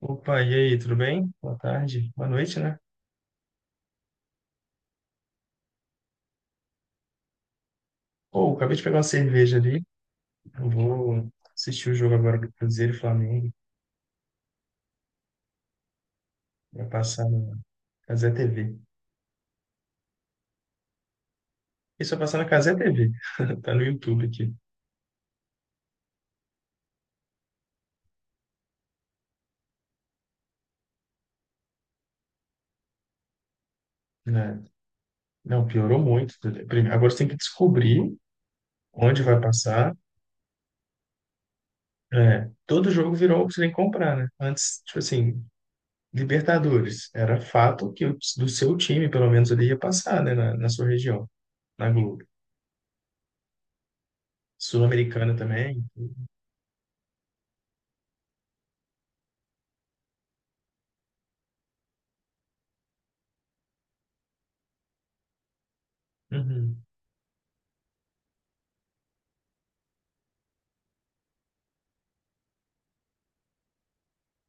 Opa, e aí, tudo bem? Boa tarde, boa noite, né? Pô, acabei de pegar uma cerveja ali. Eu vou assistir o jogo agora do Cruzeiro e Flamengo. Vai passar na Cazé TV. Isso vai passar na Cazé TV. Tá no YouTube aqui, né? Não, piorou muito. Agora você tem que descobrir onde vai passar. É, todo jogo virou o que você tem que comprar, né? Antes, tipo assim, Libertadores. Era fato que do seu time, pelo menos, ele ia passar, né? Na sua região, na Globo. Sul-Americana também. Uhum.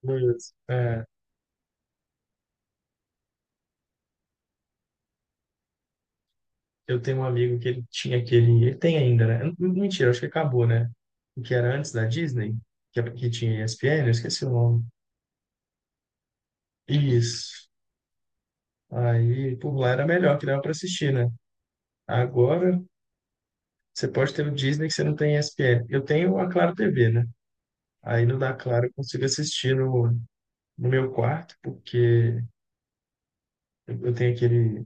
Putz, é, eu tenho um amigo que ele tinha aquele. Ele tem ainda, né? Mentira, acho que acabou, né? O que era antes da Disney, que tinha ESPN, eu esqueci o nome. Isso. Aí, por lá era melhor, que dava para assistir, né? Agora, você pode ter o Disney que você não tem ESPN. Eu tenho a Claro TV, né? Aí no da Claro eu consigo assistir no meu quarto, porque eu tenho aquele.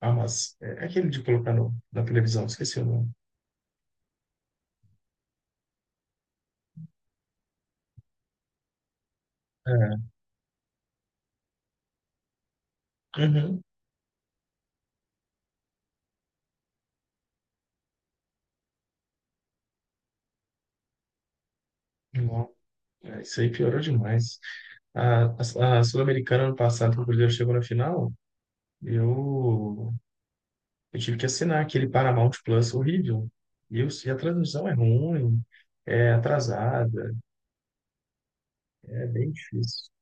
Ah, mas é aquele de colocar no, na televisão, esqueci o nome. É. Uhum. É, isso aí piorou demais. A, a Sul-Americana, ano passado, quando o Cruzeiro chegou na final, eu, eu tive que assinar aquele Paramount Plus horrível. E a transmissão é ruim, é atrasada, é bem difícil.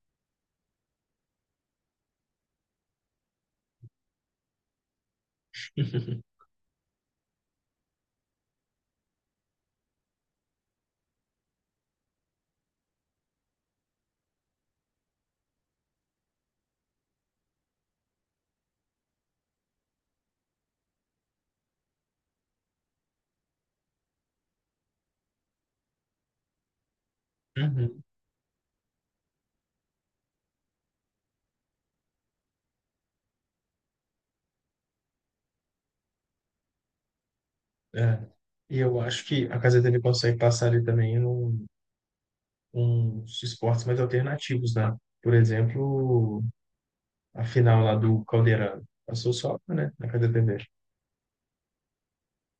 Uhum, é. E eu acho que a Casa TV consegue passar ali também uns esportes mais alternativos, né? Por exemplo, a final lá do Caldeirão. Passou só, né, na Casa TV.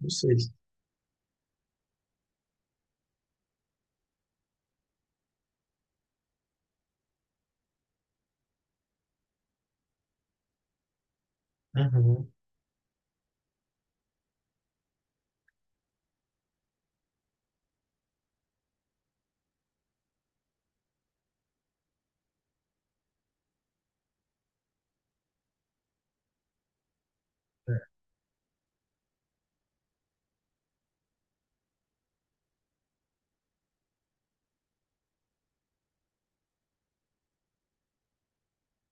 Não sei. Uhum.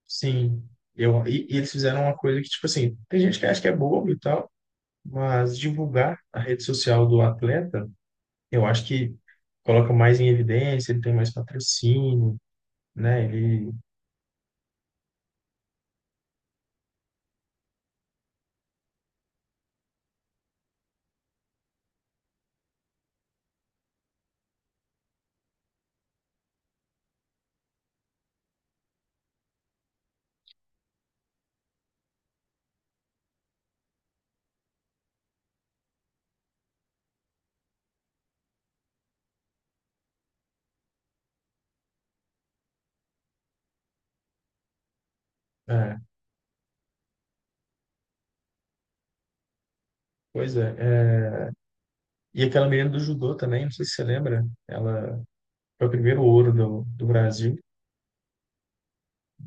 Sim, e eles fizeram uma coisa que, tipo assim, tem gente que acha que é bobo e tal, mas divulgar a rede social do atleta, eu acho que coloca mais em evidência, ele tem mais patrocínio, né? Ele, é, pois é, é. E aquela menina do judô também, não sei se você lembra, ela foi o primeiro ouro do Brasil,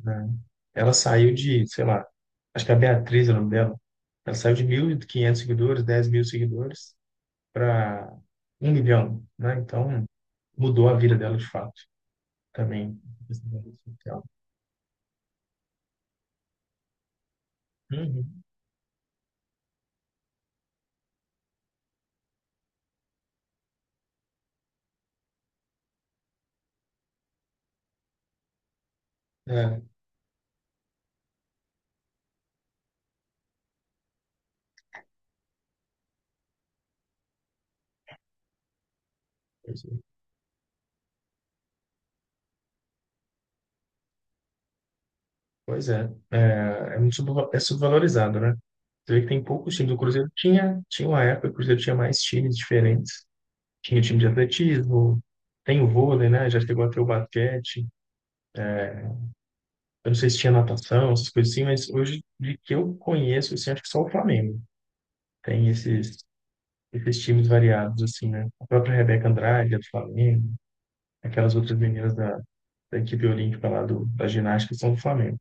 né? Ela saiu de, sei lá, acho que é a Beatriz é o nome dela, ela saiu de 1.500 seguidores, 10 mil seguidores, para 1 milhão, né? Mudou a vida dela de fato também. Então. Uhum. É, pois é. Pois é. É, é muito é subvalorizado, né? Você vê que tem poucos times. O Cruzeiro tinha, tinha uma época, que o Cruzeiro tinha mais times diferentes. Tinha time de atletismo, tem o vôlei, né? Já chegou a ter o basquete. Eu não sei se tinha natação, essas coisas assim, mas hoje, de que eu conheço, assim, acho que só o Flamengo tem esses times variados, assim, né? A própria Rebeca Andrade, é do Flamengo, aquelas outras meninas da equipe olímpica lá da ginástica são do Flamengo.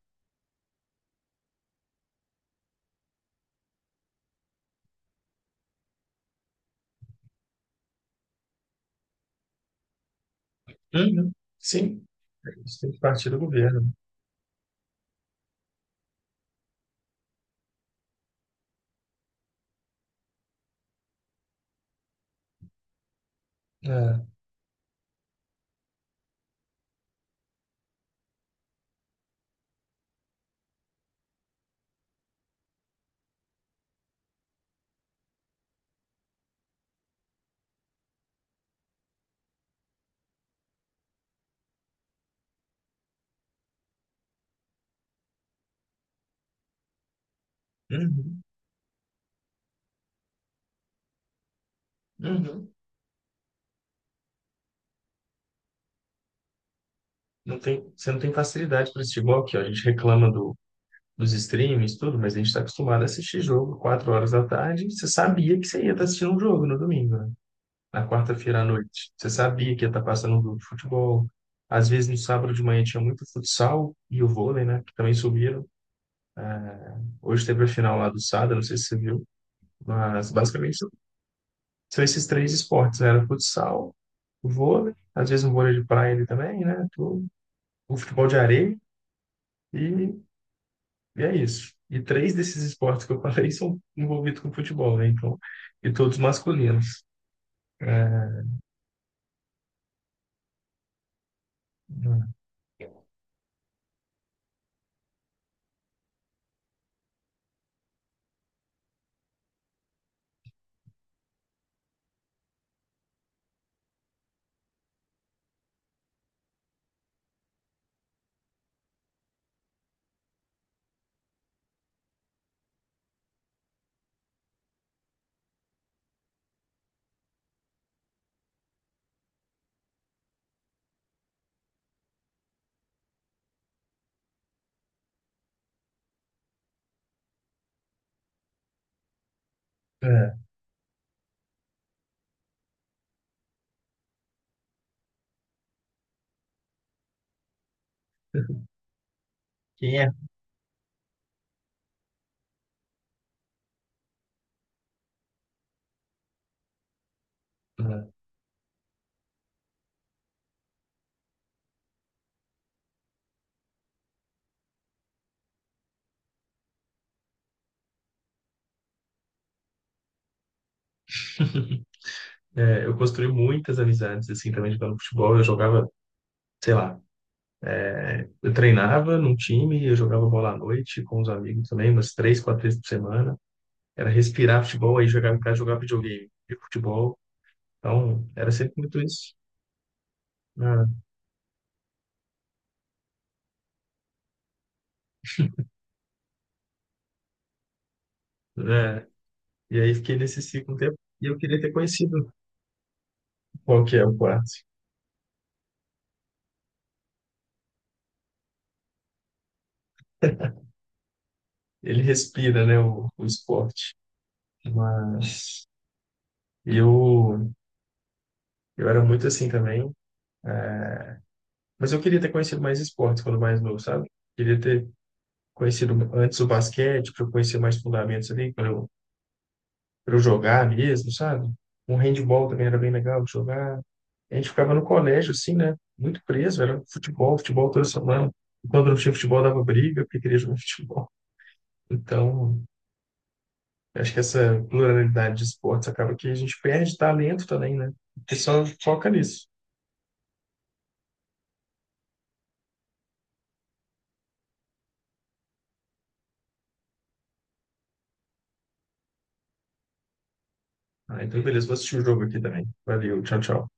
Uhum. Sim, é isso, tem que partir do governo. É. Uhum. Uhum. Não tem, você não tem facilidade para assistir igual aqui, ó. A gente reclama dos streams, tudo, mas a gente está acostumado a assistir jogo 4 horas da tarde. Você sabia que você ia estar assistindo um jogo no domingo, né? Na quarta-feira à noite. Você sabia que ia estar passando um jogo de futebol. Às vezes no sábado de manhã tinha muito futsal e o vôlei, né? Que também subiram. Hoje teve a final lá do Sada, não sei se você viu, mas basicamente são esses três esportes, né? Era futsal, o vôlei, às vezes um vôlei de praia ali também, né? Tudo. O futebol de areia e, e é isso. E três desses esportes que eu falei são envolvidos com futebol, né? Então, e todos masculinos. É, é. Quem é? É, é, eu construí muitas amizades, assim, também jogando futebol. Eu jogava, sei lá, eu treinava num time, eu jogava bola à noite com os amigos também, umas três, quatro vezes por semana. Era respirar futebol, aí jogava em casa, jogava videogame. E futebol, então, era sempre muito isso. Né? Né? E aí fiquei nesse ciclo um tempo e eu queria ter conhecido qual que é o quarto. Ele respira, né, o esporte. Mas eu, eu era muito assim também. É, mas eu queria ter conhecido mais esportes quando mais novo, sabe? Queria ter conhecido antes o basquete, para eu conhecer mais fundamentos ali, quando eu para eu jogar mesmo, sabe? Um handball também era bem legal de jogar. A gente ficava no colégio, assim, né? Muito preso, era futebol, futebol toda semana. E quando não tinha futebol, dava briga, porque queria jogar futebol. Então, acho que essa pluralidade de esportes acaba que a gente perde talento também, né? O pessoal foca nisso. Ah, então, beleza, vou assistir o jogo aqui também. Valeu, tchau, tchau.